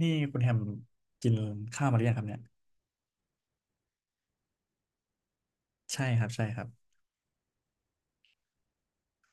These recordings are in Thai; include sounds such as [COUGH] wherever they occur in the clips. นี่คุณแฮมกินข้าวมาหรือยังครับเนี่ยใช่ครับใช่ครับ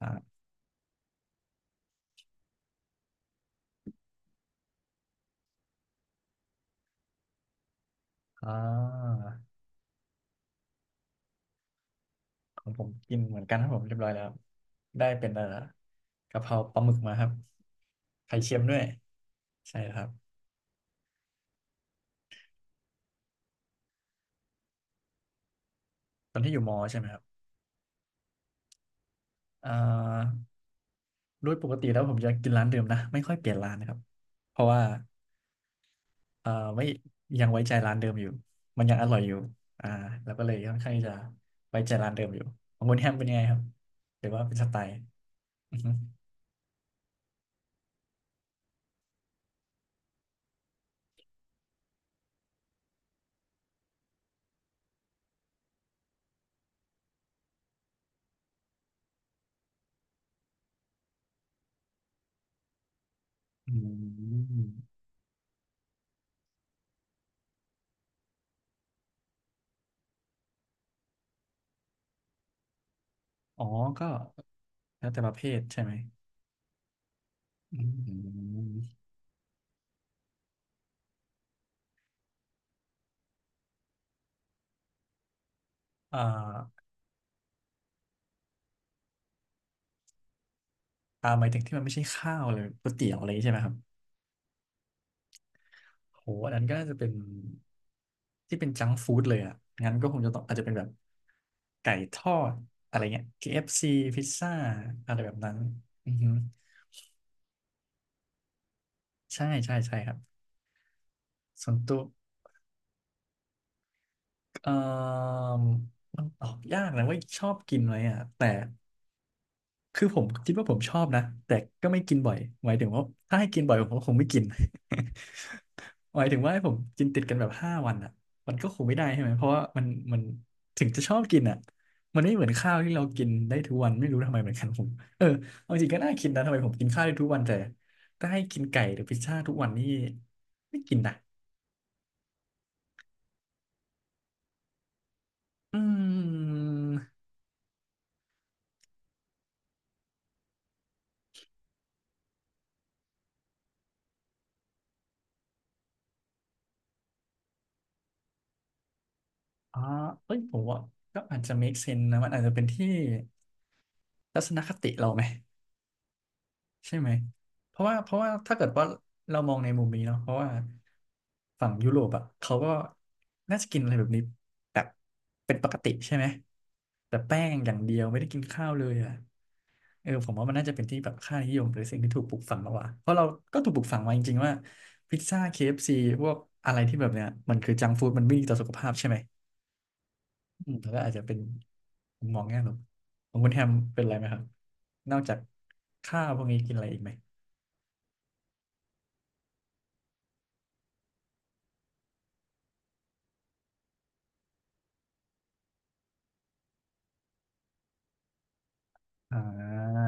อ่าอ่าของผมกินเหมือนกันครับผมเรียบร้อยแล้วได้เป็นกะเพราปลาหมึกมาครับไข่เค็มด้วยใช่ครับตอนที่อยู่มอใช่ไหมครับอ่าโดยปกติแล้วผมจะกินร้านเดิมนะไม่ค่อยเปลี่ยนร้านนะครับเพราะว่าเอ่อไม่ยังไว้ใจร้านเดิมอยู่มันยังอร่อยอยู่อ่าแล้วก็เลยค่อนข้างที่จะไว้ใจร้านเดิมอยู่ของคุณแฮมเป็นยังไงครับหรือว่าเป็นสไตล์ อืมอ๋อก็แล้วแต่ประเภทใช่ไหมอืมอ่าอ่าหมายถึงที่มันไม่ใช่ข้าวเลยก๋วยเตี๋ยวอะไรอย่างงี้ใช่ไหมครับ โหอันนั้นก็น่าจะเป็นที่เป็นจังฟู้ดเลยอ่ะ งั้นก็คงจะต้องอาจจะเป็นแบบไก่ทอดอะไรเงี้ย KFC พิซซ่าอะไรแบบนั้นอือฮึใช่ใช่ใช่ครับส่วนตัวเอ่อมันตอบยากนะว่าชอบกินไหมอ่ะ แต่ คือผมคิดว่าผมชอบนะแต่ก็ไม่กินบ่อยหมายถึงว่าถ้าให้กินบ่อยผมก็คงไม่กิน [LAUGHS] หมายถึงว่าให้ผมกินติดกันแบบ5 วันอ่ะมันก็คงไม่ได้ใช่ไหมเพราะว่ามันถึงจะชอบกินอ่ะมันไม่เหมือนข้าวที่เรากินได้ทุกวันไม่รู้ทำไมเหมือนกันผมเออเอาจริงก็น่าคิดนะทำไมผมกินข้าวได้ทุกวันแต่ถ้าให้กินไก่หรือพิซซ่าทุกวันนี่ไม่กินนะอืมอ๋อเอ้ยผมว่าก็อาจจะ make sense นะมันอาจจะเป็นที่ทัศนคติเราไหม ใช่ไหมเพราะว่าถ้าเกิดว่าเรามองในมุมนี้เนาะเพราะว่าฝั่งยุโรปอ่ะเขาก็น่าจะกินอะไรแบบนี้แบบเป็นปกติใช่ไหมแต่แป้งอย่างเดียวไม่ได้กินข้าวเลยอ่ะเออผมว่ามันน่าจะเป็นที่แบบค่านิยมหรือสิ่งที่ถูกปลูกฝังมากกว่าเพราะเราก็ถูกปลูกฝังมาจริงๆว่าพิซซ่า k ซีพวกอะไรที่แบบเนี้ยมันคือจังฟู้ดมันไม่ดีต่อสุขภาพใช่ไหมอืมแล้วก็อาจจะเป็นมุมมองแง่ลบของคุณแฮมเป็นอะไรไหมครับนอกจากข้าวพวกนี้กินอะไรอีกไหม อ่า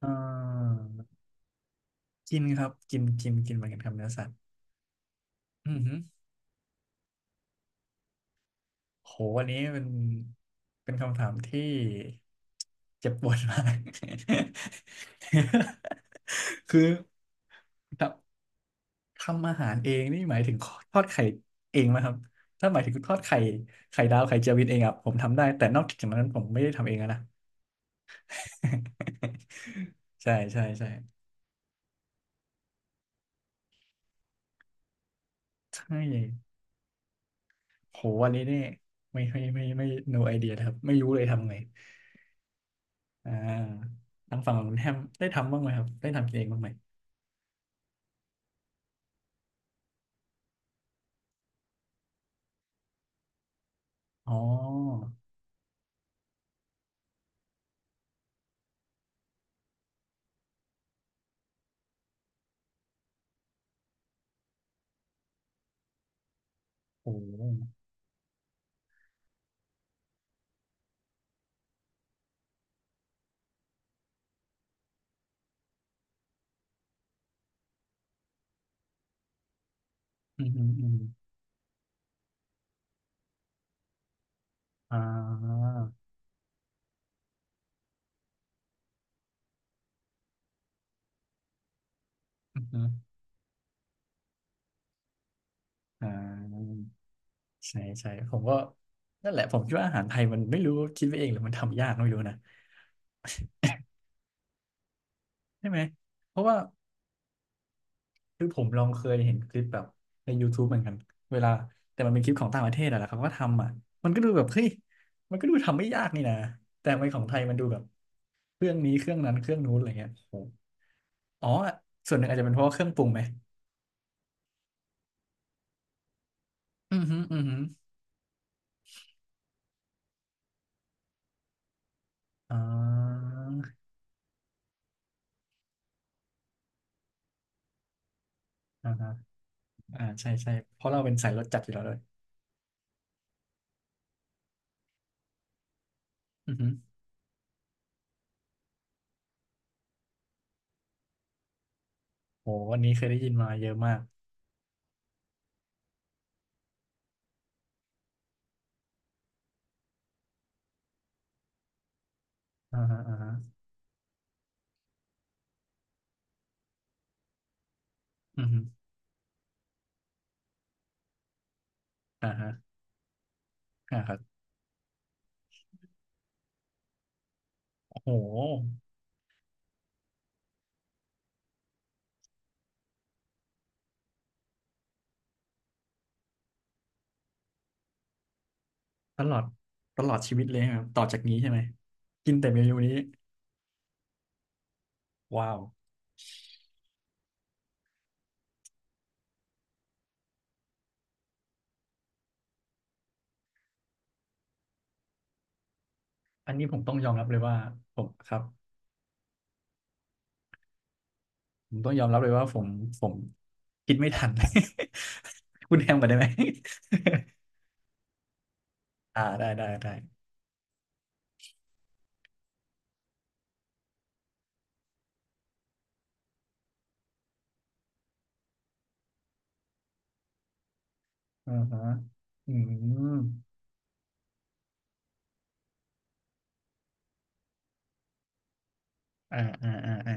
เออกินครับกินกินกินเหมือนกันครับเนื้อสัตว์อือหือโหวันนี้เป็นเป็นคำถามที่เจ็บปวดมาก [LAUGHS] คือททำอาหารเองนี่หมายถึงทอดไข่เองไหมครับถ้าหมายถึงทอดไข่ไข่ดาวไข่เจียววินเองอ่ะผมทำได้แต่นอกจากนั้นผมไม่ได้ทำเองอะนะ [LAUGHS] ใช่ใช่ใช่ใช่ โหอันนี้เนี่ยไม่ไม่ไม่ไม่ no idea นะครับไม่รู้เลยทำไงอ่าทางฝั่งของคุณแฮมได้ทำบ้างไหมครับได้ทำกินเองบ้างไหมอ๋อโหอืมอืมอืมอ่าอืมอมอ่าใช่ใช่ผมก็นั่นแหละผมคิดว่าอาหารไทยมันไม่รู้คิดไปเองหรือมันทำยากไม่รู้นะใช่ไหมเพราะว่า คือผมลองเคยเห็นคลิปแบบใน YouTube เหมือนกันเวลาแต่มันเป็นคลิปของต่างประเทศอะแหล้เขาก็ทำอ่ะมันก็ดูแบบเฮ้ยมันก็ดูทำไม่ยากนี่นะแต่ทำไมของไทยมันดูแบบเครื่องนี้เครื่องนั้นเครื่องนู้นอะไรเงี้ยโอ้โหอ๋อส่วนหนึ่งอาจจะเป็นเพราะว่าเครื่องปรุงไหมอือหืออือหืออ่าอ่าฮะอ่าใช่ใช่เพราะเราเป็นสายรสจัดอยู่แล้วเลยอือหือโหวันนี้เคยได้ยินมาเยอะมากอ่าฮะอ่าฮะอือหืออ่าฮะอ่าครับโอ้โห ตลอดตลอดชีวิตเลยครับต่อจากนี้ใช่ไหมกินแต่เมนูนี้ว้าวอันนี้ผมต้องยอมรับเลยว่าผมครับผมต้องยอมรับเลยว่าผมคิดไม่ทัน [LAUGHS] คุณแฮมมนได้ไหม [LAUGHS] อ่าได้ได้ได้อ่าฮะอืมอ่าอ่าอ่าอ่า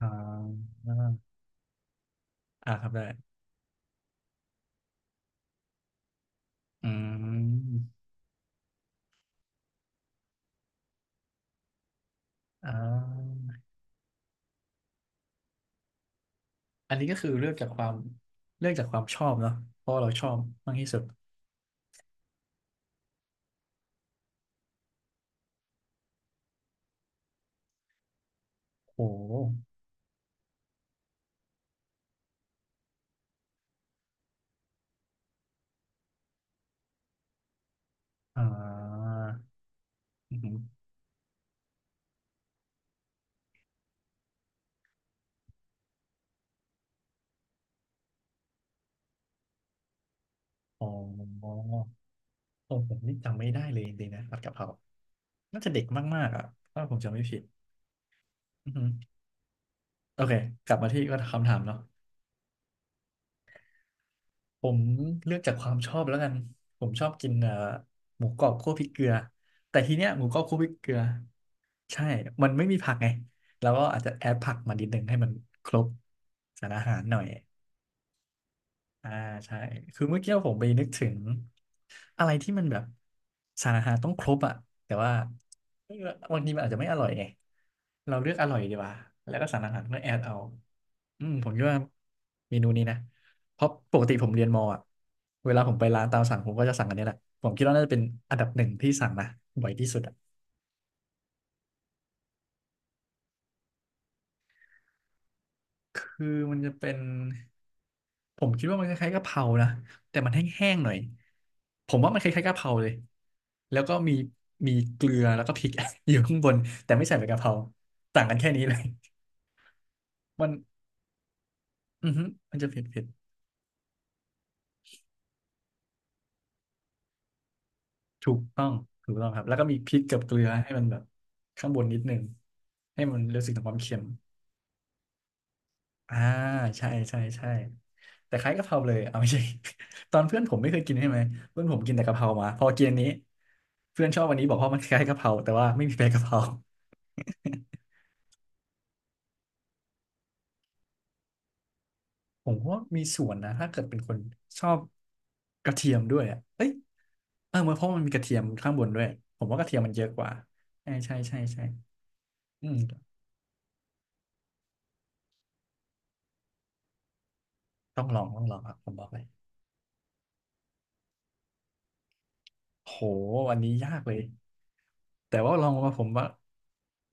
อ่าอ่าครับได้อืมอ่าอันนี้ก็คือเลือกจากความเลือกจากความชอบเนาะเพราะเราชอบมากที่สุดโอ้โหอ่า อ๋อเออผมนี่จำไม่ได้เลยจริงๆนะผัดกะเพราน่าจะเด็กมากๆอ่ะถ้าผมจำไม่ผิดอือฮึโอเค กลับมาที่คำถามเนาะผมเลือกจากความชอบแล้วกัน ผมชอบกินหมูกรอบคั่วพริกเกลือ แต่ทีเนี้ยหมูกรอบคั่วพริกเกลือใช่มันไม่มีผักไงแล้วก็อาจจะแอดผักมานิดนึงให้มันครบสารอาหารหน่อย อ่าใช่คือเมื่อกี้ผมไปนึกถึงอะไรที่มันแบบสารอาหารต้องครบอ่ะแต่ว่าเออบางทีมันอาจจะไม่อร่อยไงเราเลือกอร่อยดีกว่าแล้วก็สารอาหารก็แอดเอาอืมผมคิดว่าเมนูนี้นะเพราะปกติผมเรียนมออ่ะเวลาผมไปร้านตามสั่งผมก็จะสั่งอันนี้แหละผมคิดว่าน่าจะเป็นอันดับหนึ่งที่สั่งนะบ่อยที่สุดอ่ะคือมันจะเป็น ผมคิดว่ามันคล้ายๆกะเพรานะ แต่มันแห้งๆหน่อยผมว่ามันคล้ายๆกะเพราเลยแล้วก็มีมีเกลือแล้วก็พริก [LAUGHS] อยู่ข้างบนแต่ไม่ใส่ใบกะเพราต่างกันแค่นี้เลยมันอือฮึมันจะเผ็ดเผ็ดถูกต้องถูกต้องครับแล้วก็มีพริกกับเกลือให้มันแบบข้างบนนิดนึงให้มันรู้สึกถึงความเค็มอ่าใช่ใช่ใช่แต่คล้ายกะเพราเลยเอาไม่ใช่ [LAUGHS] ตอนเพื่อนผมไม่เคยกินใช่ไหมเพื่อนผมกินแต่กะเพรามาพอกินอันนี้เพื่อนชอบวันนี้บอกว่ามันคล้ายกะเพราแต่ว่าไม่มีใบกะเพรา [LAUGHS] ผมว่ามีส่วนนะถ้าเกิดเป็นคนชอบกระเทียมด้วยอ่ะเอ้ยเออเพราะมันมีกระเทียมข้างบนด้วยผมว่ากระเทียมมันเยอะกว่าใช่ใช่ใช่ใช่อืมต้องลองต้องลองครับผมบอกเลยโหวันนี้ยากเลยแต่ว่าลองมาผมว่า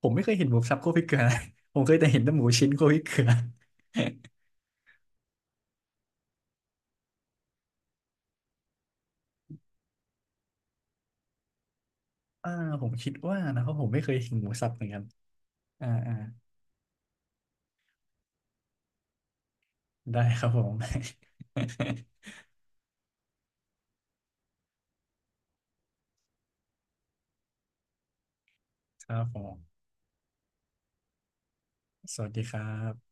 ผมไม่เคยเห็นหมูสับคั่วพริกเกลือนะ [LAUGHS] ผมเคยแต่เห็นแต่หมูชิ้นคั่วพริกเกลือ [LAUGHS] อ่าผมคิดว่านะเพราะผมไม่เคยเห็นหมูสับเหมือนกันอ่าอ่าได้ครับผม [LAUGHS] ครับผมสวัสดีครับ